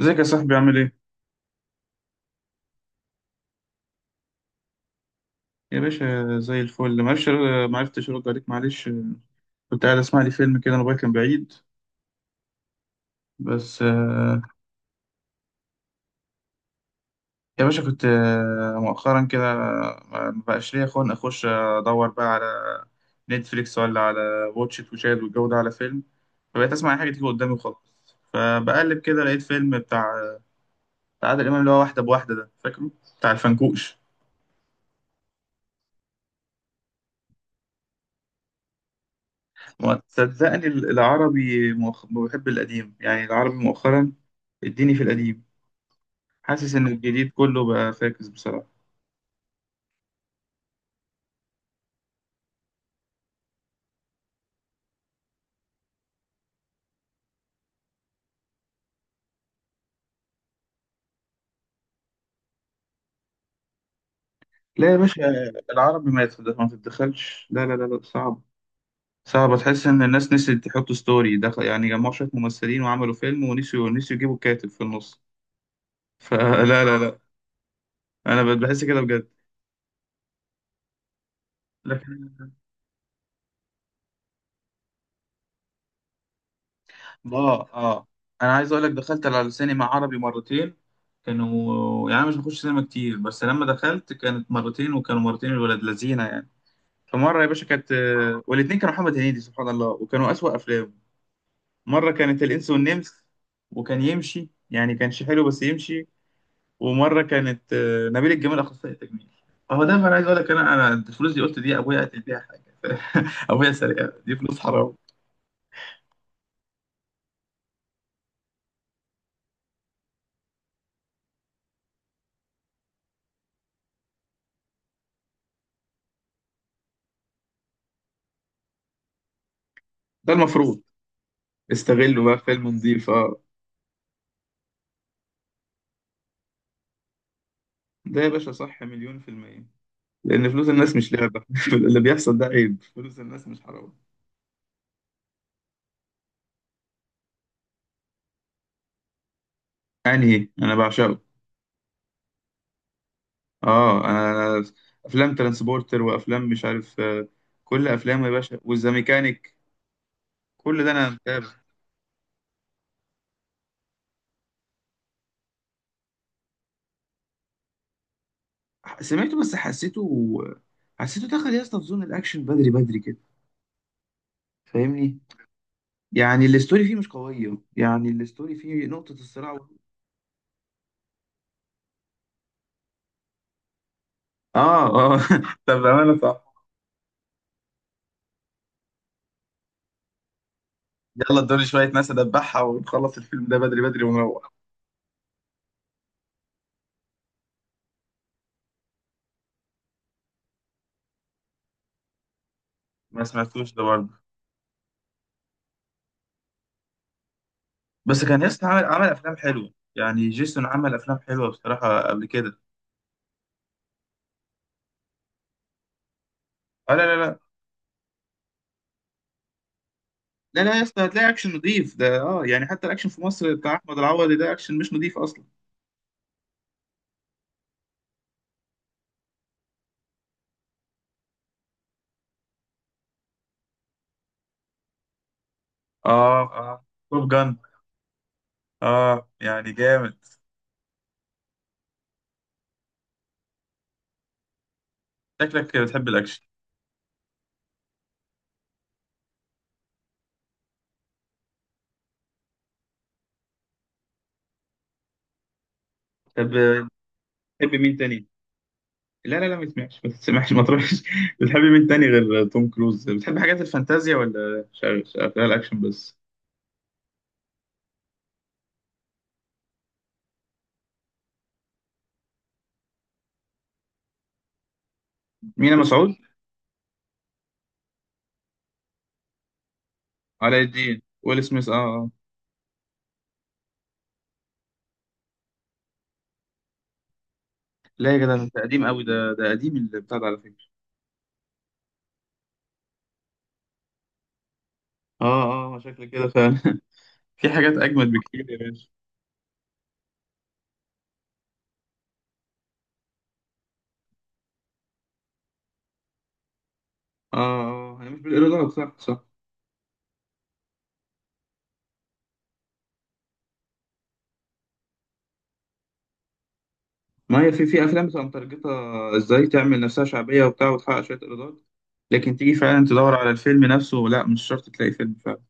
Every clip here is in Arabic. ازيك يا صاحبي عامل ايه؟ يا باشا زي الفل معرفش معرفتش ارد عليك معلش. كنت قاعد اسمع لي فيلم كده، الموبايل كان بعيد بس يا باشا. كنت مؤخرا كده ما بقاش ليا خلق اخش ادور بقى على نتفليكس ولا على واتشت وشاهد، والجو ده على فيلم. فبقيت اسمع اي حاجه تيجي قدامي وخلاص. فبقلب كده لقيت فيلم بتاع عادل امام اللي هو واحده بواحده ده، فاكره؟ بتاع الفنكوش. ما صدقني، العربي بحب القديم يعني، العربي مؤخرا اديني في القديم. حاسس ان الجديد كله بقى فاكس بصراحه. لا يا باشا، العربي ما تتدخلش، لا صعب. صعب. تحس ان الناس نسيت تحط ستوري دخل، يعني جمعوا شويه ممثلين وعملوا فيلم ونسيوا، يجيبوا كاتب في النص. فلا لا لا لا، انا بحس كده بجد. لكن، اه، انا عايز اقول لك دخلت على سينما عربي مرتين. كانوا يعني، أنا مش بخش سينما كتير، بس لما دخلت كانت مرتين وكانوا مرتين الولاد لذينه يعني. فمره يا باشا كانت والاتنين كانوا محمد هنيدي سبحان الله، وكانوا اسوأ افلام. مرة كانت الإنس والنمس، وكان يمشي يعني، كانش حلو بس يمشي. ومرة كانت نبيل الجميل أخصائي تجميل. فهو ده أنا عايز أقول لك، أنا الفلوس دي قلت دي أبويا قتل بيها حاجة. أبويا سرقها، دي فلوس حرام. ده المفروض استغله بقى في فيلم نظيف، أه. ده يا باشا صح مليون في المية. لأن فلوس الناس مش لعبة. اللي بيحصل ده عيب، فلوس الناس مش حرام. أنهي؟ أنا بعشقه. أه أنا، أنا أفلام ترانسبورتر وأفلام مش عارف كل أفلامه يا باشا والزاميكانيك، كل ده انا متابع. سمعته بس حسيته، حسيته دخل يا اسطى في زون الاكشن بدري بدري كده، فاهمني؟ يعني الاستوري فيه مش قويه، يعني الاستوري فيه نقطه الصراع و... اه اه. طب بامانه صح. يلا ادوني شويه ناس ادبحها ونخلص الفيلم ده بدري بدري ونروح. ما سمعتوش ده برضه. بس كان ياسطا عمل افلام حلوه، يعني جيسون عمل افلام حلوه بصراحه قبل كده. اه لا لا لا. لا يا اسطى، هتلاقي اكشن نضيف ده اه، يعني حتى الاكشن في مصر بتاع احمد العوضي ده اكشن مش نضيف اصلا. اه اه. توب جان، اه يعني جامد. شكلك بتحب الاكشن. طب بتحب مين تاني؟ لا لا لا، ما تسمعش، ما تروحش. بتحب مين تاني غير توم كروز؟ بتحب حاجات الفانتازيا ولا شغال، اكشن بس؟ مينا مسعود؟ علاء الدين، ويل سميث، اه لا يا جدع، ده قديم قوي ده قديم اللي بتاع ده على فكرة. اه اه شكل كده فعلا. في حاجات اجمد بكتير يا باشا. اه اه، هي مش بالايرادات، صح. ما هي في في افلام بتبقى مترجطه، ازاي تعمل نفسها شعبيه وبتاع وتحقق شويه ايرادات، لكن تيجي فعلا تدور على الفيلم نفسه لا، مش شرط تلاقي فيلم فعلا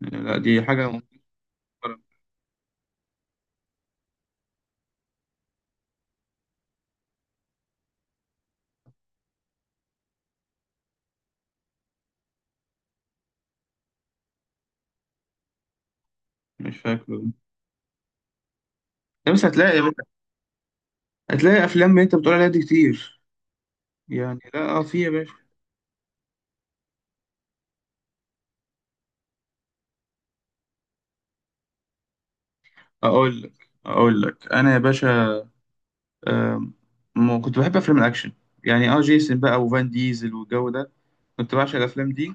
يعني، لا دي حاجة. مفكرة؟ مش فاكره. لا، بس هتلاقي، هتلاقي أفلام أنت بتقول عليها دي كتير، يعني لا اه، في يا باشا. أقول لك، أنا يا باشا، آم، كنت بحب أفلام الأكشن، يعني اه جيسون بقى وفان ديزل والجو ده، كنت بعشق الأفلام دي.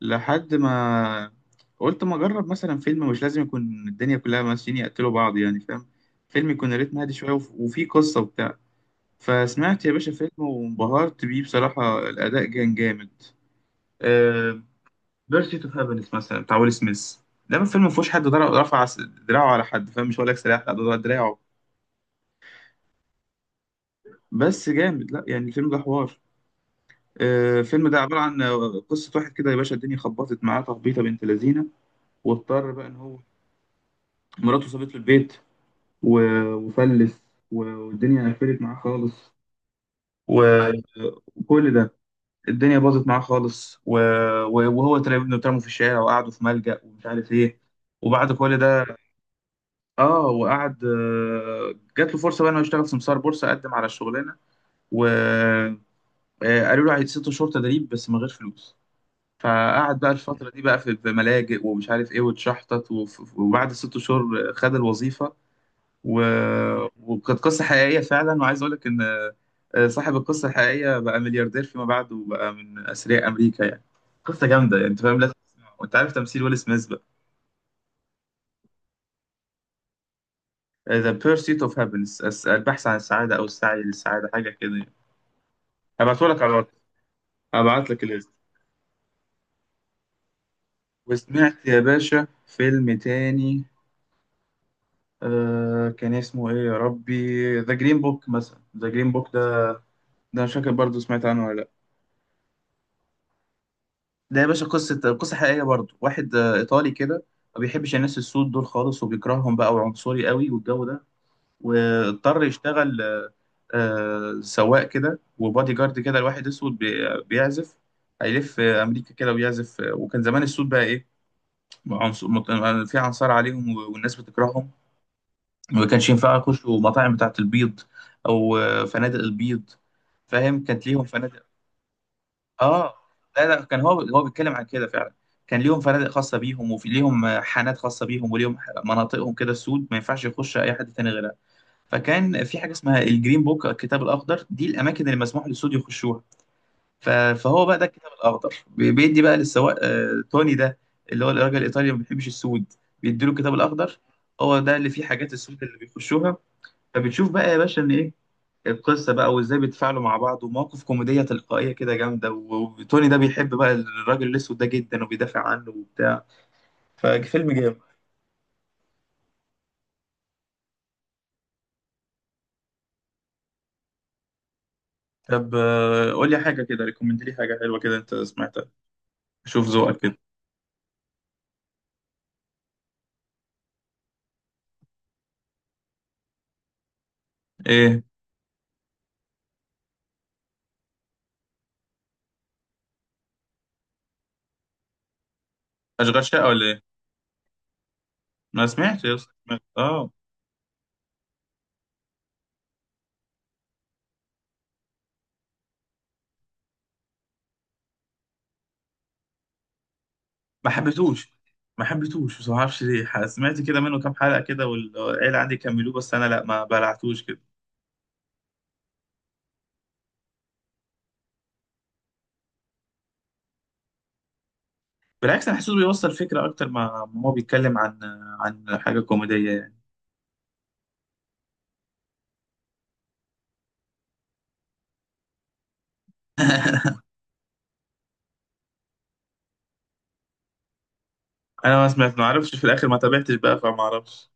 لحد ما قلت ما أجرب مثلا فيلم مش لازم يكون الدنيا كلها ممثلين يقتلوا بعض، يعني فاهم؟ فيلم يكون ريتم هادي شوية، وفيه قصة وبتاع. فسمعت يا باشا فيلم وانبهرت بيه، بصراحة الأداء كان جامد، أه. بيرسيت اوف هابينس مثلا، بتاع ويل سميث. ده من فيلم ما فيهوش حد رفع دراعه على حد، فاهم؟ مش هقول لك سلاح، لا ده ضرب دراعه. بس جامد، لا يعني الفيلم ده حوار، أه. الفيلم ده عبارة عن قصة واحد كده يا باشا، الدنيا خبطت معاه تخبيطة بنت لذينة. واضطر بقى إن هو، مراته سابت له البيت وفلس، والدنيا قفلت معاه خالص، و- وكل ده الدنيا باظت معاه خالص و... وهو تلاقي ابنه اترموا في الشارع وقعدوا في ملجأ ومش عارف ايه. وبعد كل ده، اه، وقعد، جات له فرصه بقى انه يشتغل سمسار بورصه. قدم على الشغلانه وقالوا له عايز ست شهور تدريب بس من غير فلوس. فقعد بقى الفتره دي بقى في في ملاجئ ومش عارف ايه واتشحطت، وبعد ست شهور خد الوظيفه، و... وكانت قصة حقيقية فعلا. وعايز أقول لك إن صاحب القصة الحقيقية بقى ملياردير فيما بعد وبقى من أثرياء أمريكا يعني. قصة جامدة يعني، أنت فاهم لازم تسمعها، وأنت عارف تمثيل ويل سميث بقى. The Pursuit of Happiness، البحث عن السعادة أو السعي للسعادة، حاجة كده يعني. هبعته لك على الواتس، هبعت لك الليست. وسمعت يا باشا فيلم تاني، آه كان اسمه إيه يا ربي، ذا جرين بوك مثلا. ذا جرين بوك ده، ده مش فاكر برضه، سمعت عنه ولا؟ ده يا باشا قصة، قصة حقيقية برضو. واحد إيطالي كده ما بيحبش الناس السود دول خالص وبيكرههم بقى، وعنصري قوي والجو ده. واضطر يشتغل سواق كده وبادي جارد كده لواحد أسود بيعزف. هيلف أمريكا كده ويعزف وكان زمان السود بقى إيه، في عنصار عليهم، والناس بتكرههم وما كانش ينفع يخشوا مطاعم بتاعة البيض أو فنادق البيض. فاهم؟ كانت ليهم، اه، لا لا كان هو، بيتكلم عن كده فعلا. كان ليهم فنادق خاصة بيهم، وفي ليهم حانات خاصة بيهم، وليهم مناطقهم كده سود، ما ينفعش يخش أي حد تاني غيرها. فكان في حاجة اسمها الجرين بوك، الكتاب الأخضر، دي الأماكن اللي مسموح للسود يخشوها. فهو بقى ده الكتاب الأخضر بيدي بقى للسواق توني ده اللي هو الراجل الإيطالي اللي ما بيحبش السود، بيديله الكتاب الأخضر. هو ده اللي فيه حاجات السود اللي بيخشوها. فبتشوف بقى يا باشا إن إيه، القصه بقى وازاي بيتفاعلوا مع بعض، ومواقف كوميديه تلقائيه كده جامده، وتوني ده بيحب بقى الراجل الاسود ده جدا وبيدافع عنه وبتاع. ففيلم جامد. طب قول لي حاجه كده، ريكومند لي حاجه حلوه كده انت سمعتها، شوف ذوقك كده. ايه، اشغال شقه ولا ايه؟ ما سمعتش يا اسطى. سمعت. اه. ما حبيتهوش، ما حبيتهوش، بس ما اعرفش ليه، سمعت كده منه كام حلقه كده، والعيله عندي كملوه بس انا لا، ما بلعتوش كده. بالعكس، انا حاسس بيوصل فكره اكتر، ما هو بيتكلم عن، عن حاجه كوميديه يعني. انا ما سمعت، ما اعرفش في الاخر، ما تابعتش بقى، فما اعرفش.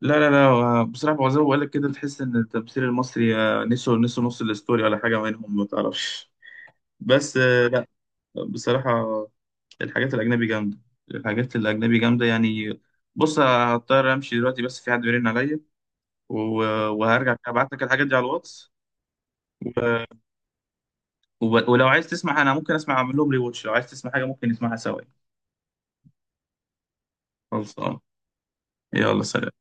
لا، بصراحه هو زي ما بقول لك كده، تحس ان التمثيل المصري، نسوا نص الاستوري ولا حاجه منهم، ما تعرفش. بس لا بصراحه، الحاجات الاجنبي جامده، يعني. بص، هضطر امشي دلوقتي بس، في حد بيرن عليا، وهرجع ابعت لك الحاجات دي على الواتس. ولو عايز تسمع انا ممكن اسمع اعمل لهم ريواتش، لو عايز تسمع حاجه ممكن نسمعها سوا. خلصان، يلا سلام.